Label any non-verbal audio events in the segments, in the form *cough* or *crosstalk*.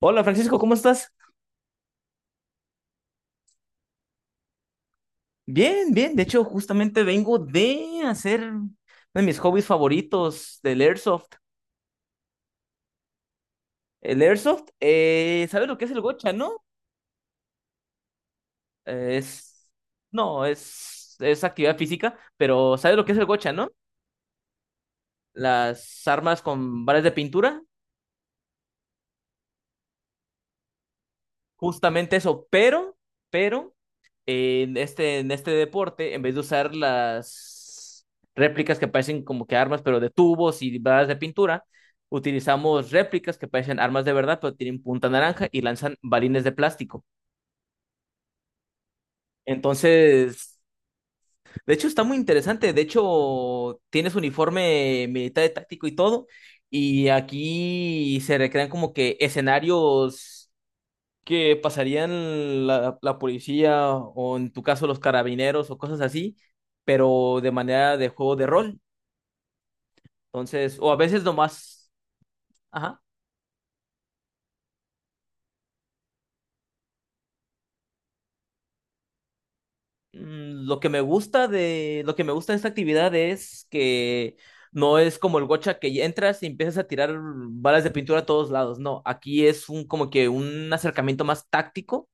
Hola Francisco, ¿cómo estás? Bien, bien. De hecho, justamente vengo de hacer uno de mis hobbies favoritos del Airsoft. El Airsoft, ¿sabes lo que es el gocha, no? Eh, es, no, es actividad física, pero ¿sabes lo que es el gocha, no? Las armas con balas de pintura, justamente eso, pero en este deporte, en vez de usar las réplicas que parecen como que armas, pero de tubos y balas de pintura, utilizamos réplicas que parecen armas de verdad, pero tienen punta naranja y lanzan balines de plástico. Entonces, de hecho, está muy interesante. De hecho, tienes uniforme militar y táctico y todo. Y aquí se recrean como que escenarios que pasarían la policía o en tu caso los carabineros o cosas así, pero de manera de juego de rol. Entonces, o a veces nomás, ajá. Lo que me gusta de esta actividad es que no es como el gocha que ya entras y empiezas a tirar balas de pintura a todos lados, no, aquí es un como que un acercamiento más táctico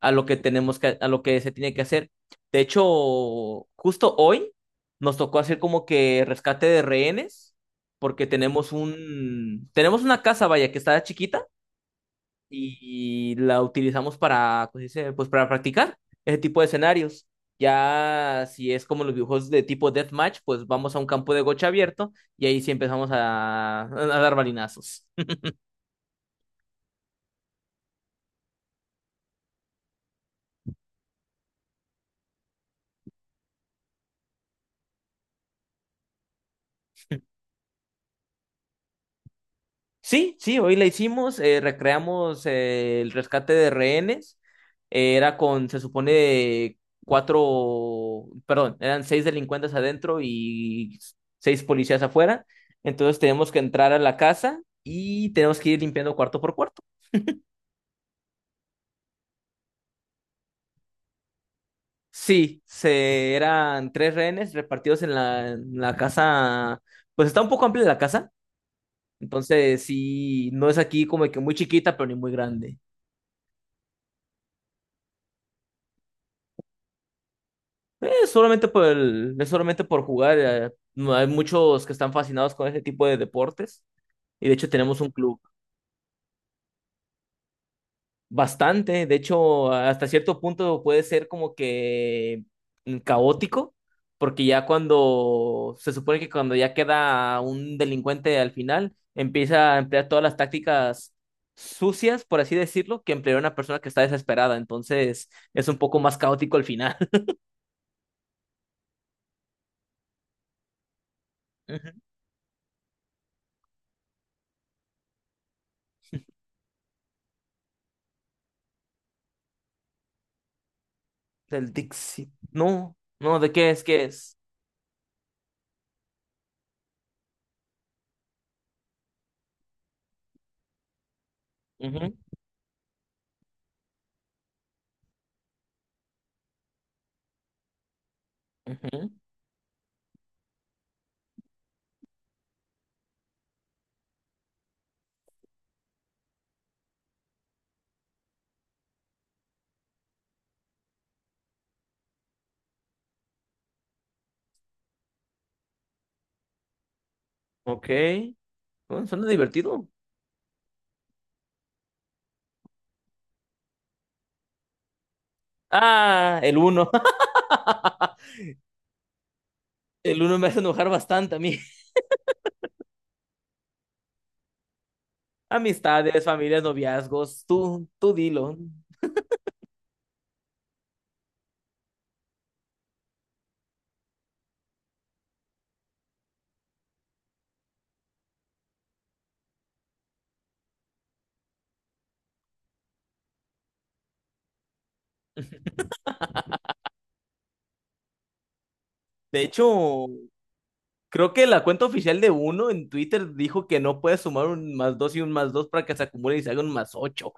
a lo que se tiene que hacer. De hecho, justo hoy nos tocó hacer como que rescate de rehenes, porque tenemos una casa, vaya, que está chiquita y la utilizamos para, pues, dice, pues para practicar ese tipo de escenarios. Ya si es como los videojuegos de tipo deathmatch, pues vamos a un campo de gocha abierto y ahí sí empezamos a dar balinazos. Sí, sí, hoy la hicimos, recreamos el rescate de rehenes. Era con, se supone, cuatro, perdón, eran seis delincuentes adentro y seis policías afuera. Entonces tenemos que entrar a la casa y tenemos que ir limpiando cuarto por cuarto. Sí, eran tres rehenes repartidos en la casa, pues está un poco amplia la casa. Entonces, sí, no es aquí como que muy chiquita, pero ni muy grande. Es solamente por jugar. No, hay muchos que están fascinados con ese tipo de deportes. Y de hecho tenemos un club bastante. De hecho, hasta cierto punto puede ser como que caótico. Porque ya cuando se supone que cuando ya queda un delincuente al final, empieza a emplear todas las tácticas sucias, por así decirlo, que emplearía una persona que está desesperada. Entonces es un poco más caótico al final. *laughs* Ujú. Del Dixie. No, no, ¿de qué es? ¿Qué es? Ujú, ujú. Ok. Bueno, suena divertido. Ah, el uno. *laughs* El uno me hace enojar bastante a mí. *laughs* Amistades, familias, noviazgos, tú dilo. De hecho, creo que la cuenta oficial de uno en Twitter dijo que no puedes sumar un más dos y un más dos para que se acumule y se haga un más ocho.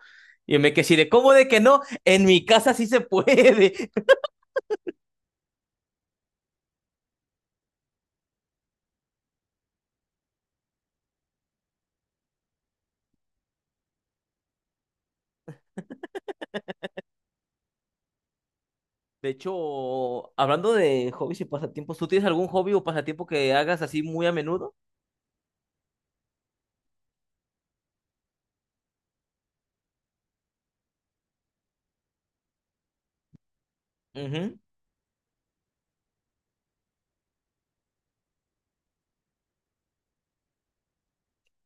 Y yo me quedé así de, ¿cómo de que no? En mi casa sí se puede. *laughs* De hecho, hablando de hobbies y pasatiempos, ¿tú tienes algún hobby o pasatiempo que hagas así muy a menudo?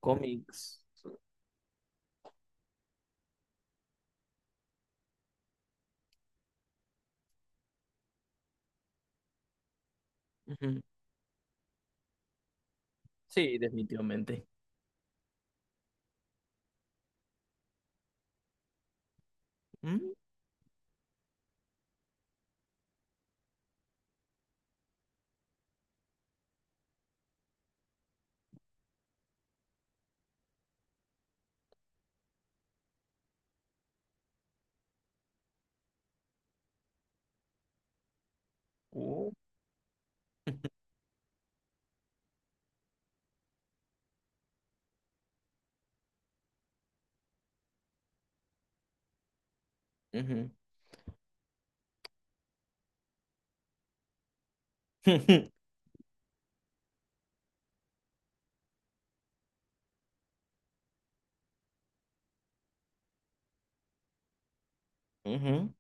Cómics. Ujú. Sí, definitivamente. Mm, uh, ujú. *laughs* Ujú.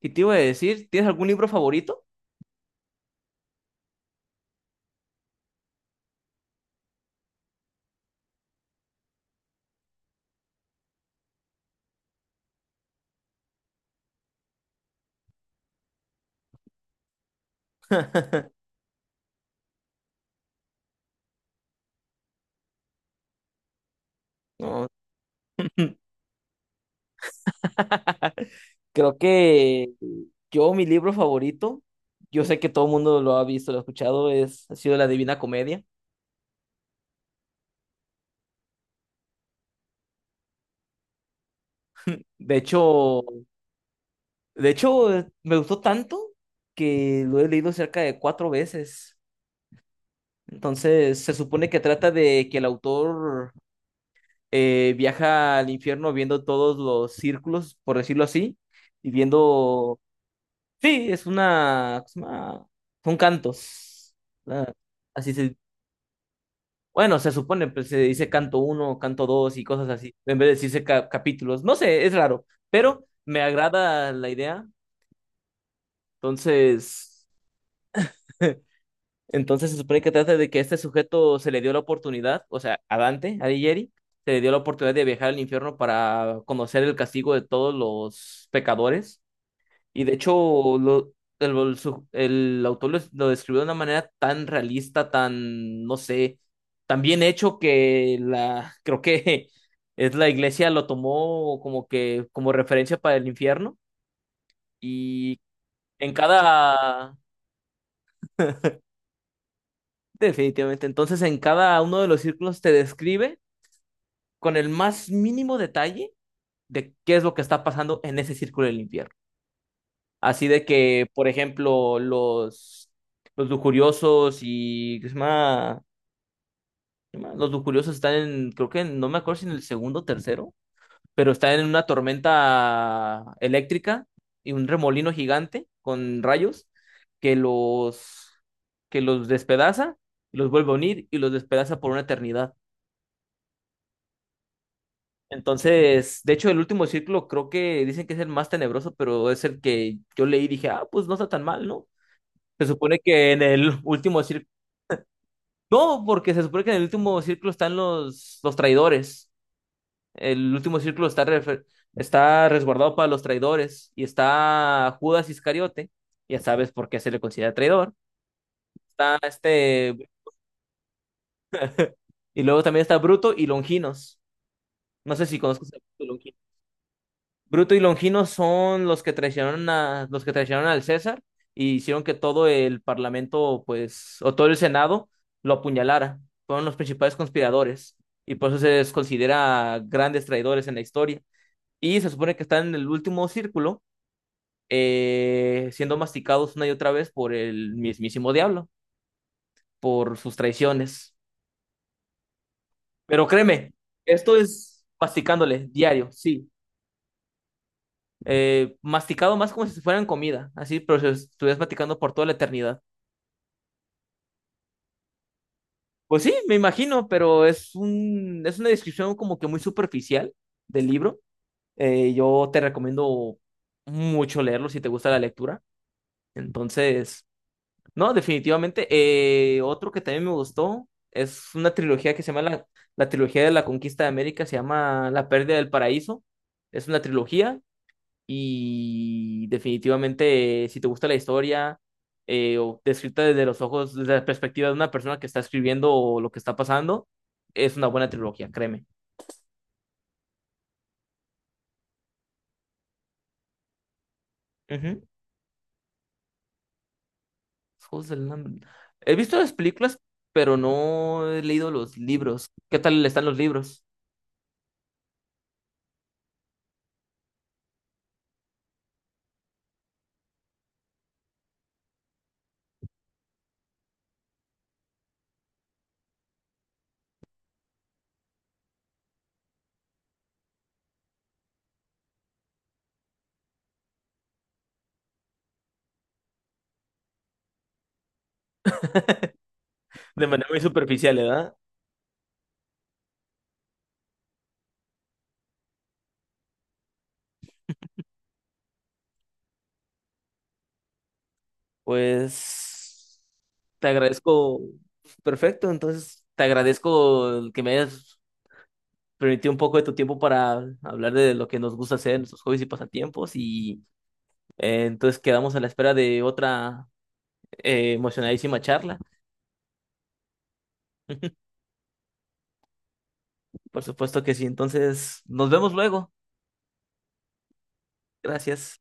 Y te iba a decir, ¿tienes algún libro favorito? *laughs* No. *laughs* Creo que yo, mi libro favorito, yo sé que todo el mundo lo ha visto, lo ha escuchado, ha sido La Divina Comedia. De hecho, de hecho, me gustó tanto que lo he leído cerca de cuatro veces. Entonces, se supone que trata de que el autor viaja al infierno viendo todos los círculos, por decirlo así, y viendo... Sí, son cantos. Ah, así se... Bueno, se supone, pues se dice canto uno, canto dos y cosas así, en vez de decirse capítulos. No sé, es raro, pero me agrada la idea. Entonces... *laughs* Entonces se supone que trata de que este sujeto se le dio la oportunidad, o sea, a Dante, a Alighieri, se le dio la oportunidad de viajar al infierno para conocer el castigo de todos los pecadores. Y de hecho, lo- el autor lo describió de una manera tan realista, tan, no sé, tan bien hecho que creo que *laughs* es la iglesia lo tomó como que, como referencia para el infierno. Y en cada, *laughs* Definitivamente. Entonces, en cada uno de los círculos te describe con el más mínimo detalle de qué es lo que está pasando en ese círculo del infierno. Así de que, por ejemplo, los lujuriosos y ¿qué se llama? ¿Qué se llama? Los lujuriosos están en, creo que no me acuerdo si en el segundo o tercero, pero están en una tormenta eléctrica y un remolino gigante con rayos que los, que los despedaza, los vuelve a unir y los despedaza por una eternidad. Entonces, de hecho, el último círculo creo que dicen que es el más tenebroso, pero es el que yo leí y dije, ah, pues no está tan mal, ¿no? Se supone que en el *laughs* último círculo, no, porque se supone que en el último círculo están los traidores. El último círculo está resguardado para los traidores y está Judas Iscariote, ya sabes por qué se le considera traidor. Está este, y luego también está Bruto y Longinos. No sé si conozcas a Bruto y Longinos. Bruto y Longino son los que traicionaron a los que traicionaron al César y hicieron que todo el parlamento, pues, o todo el Senado lo apuñalara. Fueron los principales conspiradores y por eso se les considera grandes traidores en la historia. Y se supone que están en el último círculo, siendo masticados una y otra vez por el mismísimo diablo, por sus traiciones. Pero créeme, esto es masticándole diario, sí. Masticado más como si fueran comida, así, pero si estuvieras masticando por toda la eternidad. Pues sí, me imagino, pero es una descripción como que muy superficial del libro. Yo te recomiendo mucho leerlo si te gusta la lectura. Entonces, no, definitivamente. Otro que también me gustó es una trilogía que se llama la trilogía de la conquista de América, se llama La pérdida del paraíso. Es una trilogía. Y definitivamente, si te gusta la historia, o descrita desde los ojos, desde la perspectiva de una persona que está escribiendo o lo que está pasando, es una buena trilogía, créeme. Ujú. Los Juegos del Hambre. He visto las películas, pero no he leído los libros. ¿Qué tal están los libros? De manera muy superficial, ¿verdad? Pues te agradezco. Perfecto, entonces te agradezco que me hayas permitir un poco de tu tiempo para hablar de lo que nos gusta hacer, nuestros hobbies y pasatiempos. Y entonces quedamos a la espera de otra emocionadísima charla. *laughs* Por supuesto que sí. Entonces, nos vemos luego. Gracias.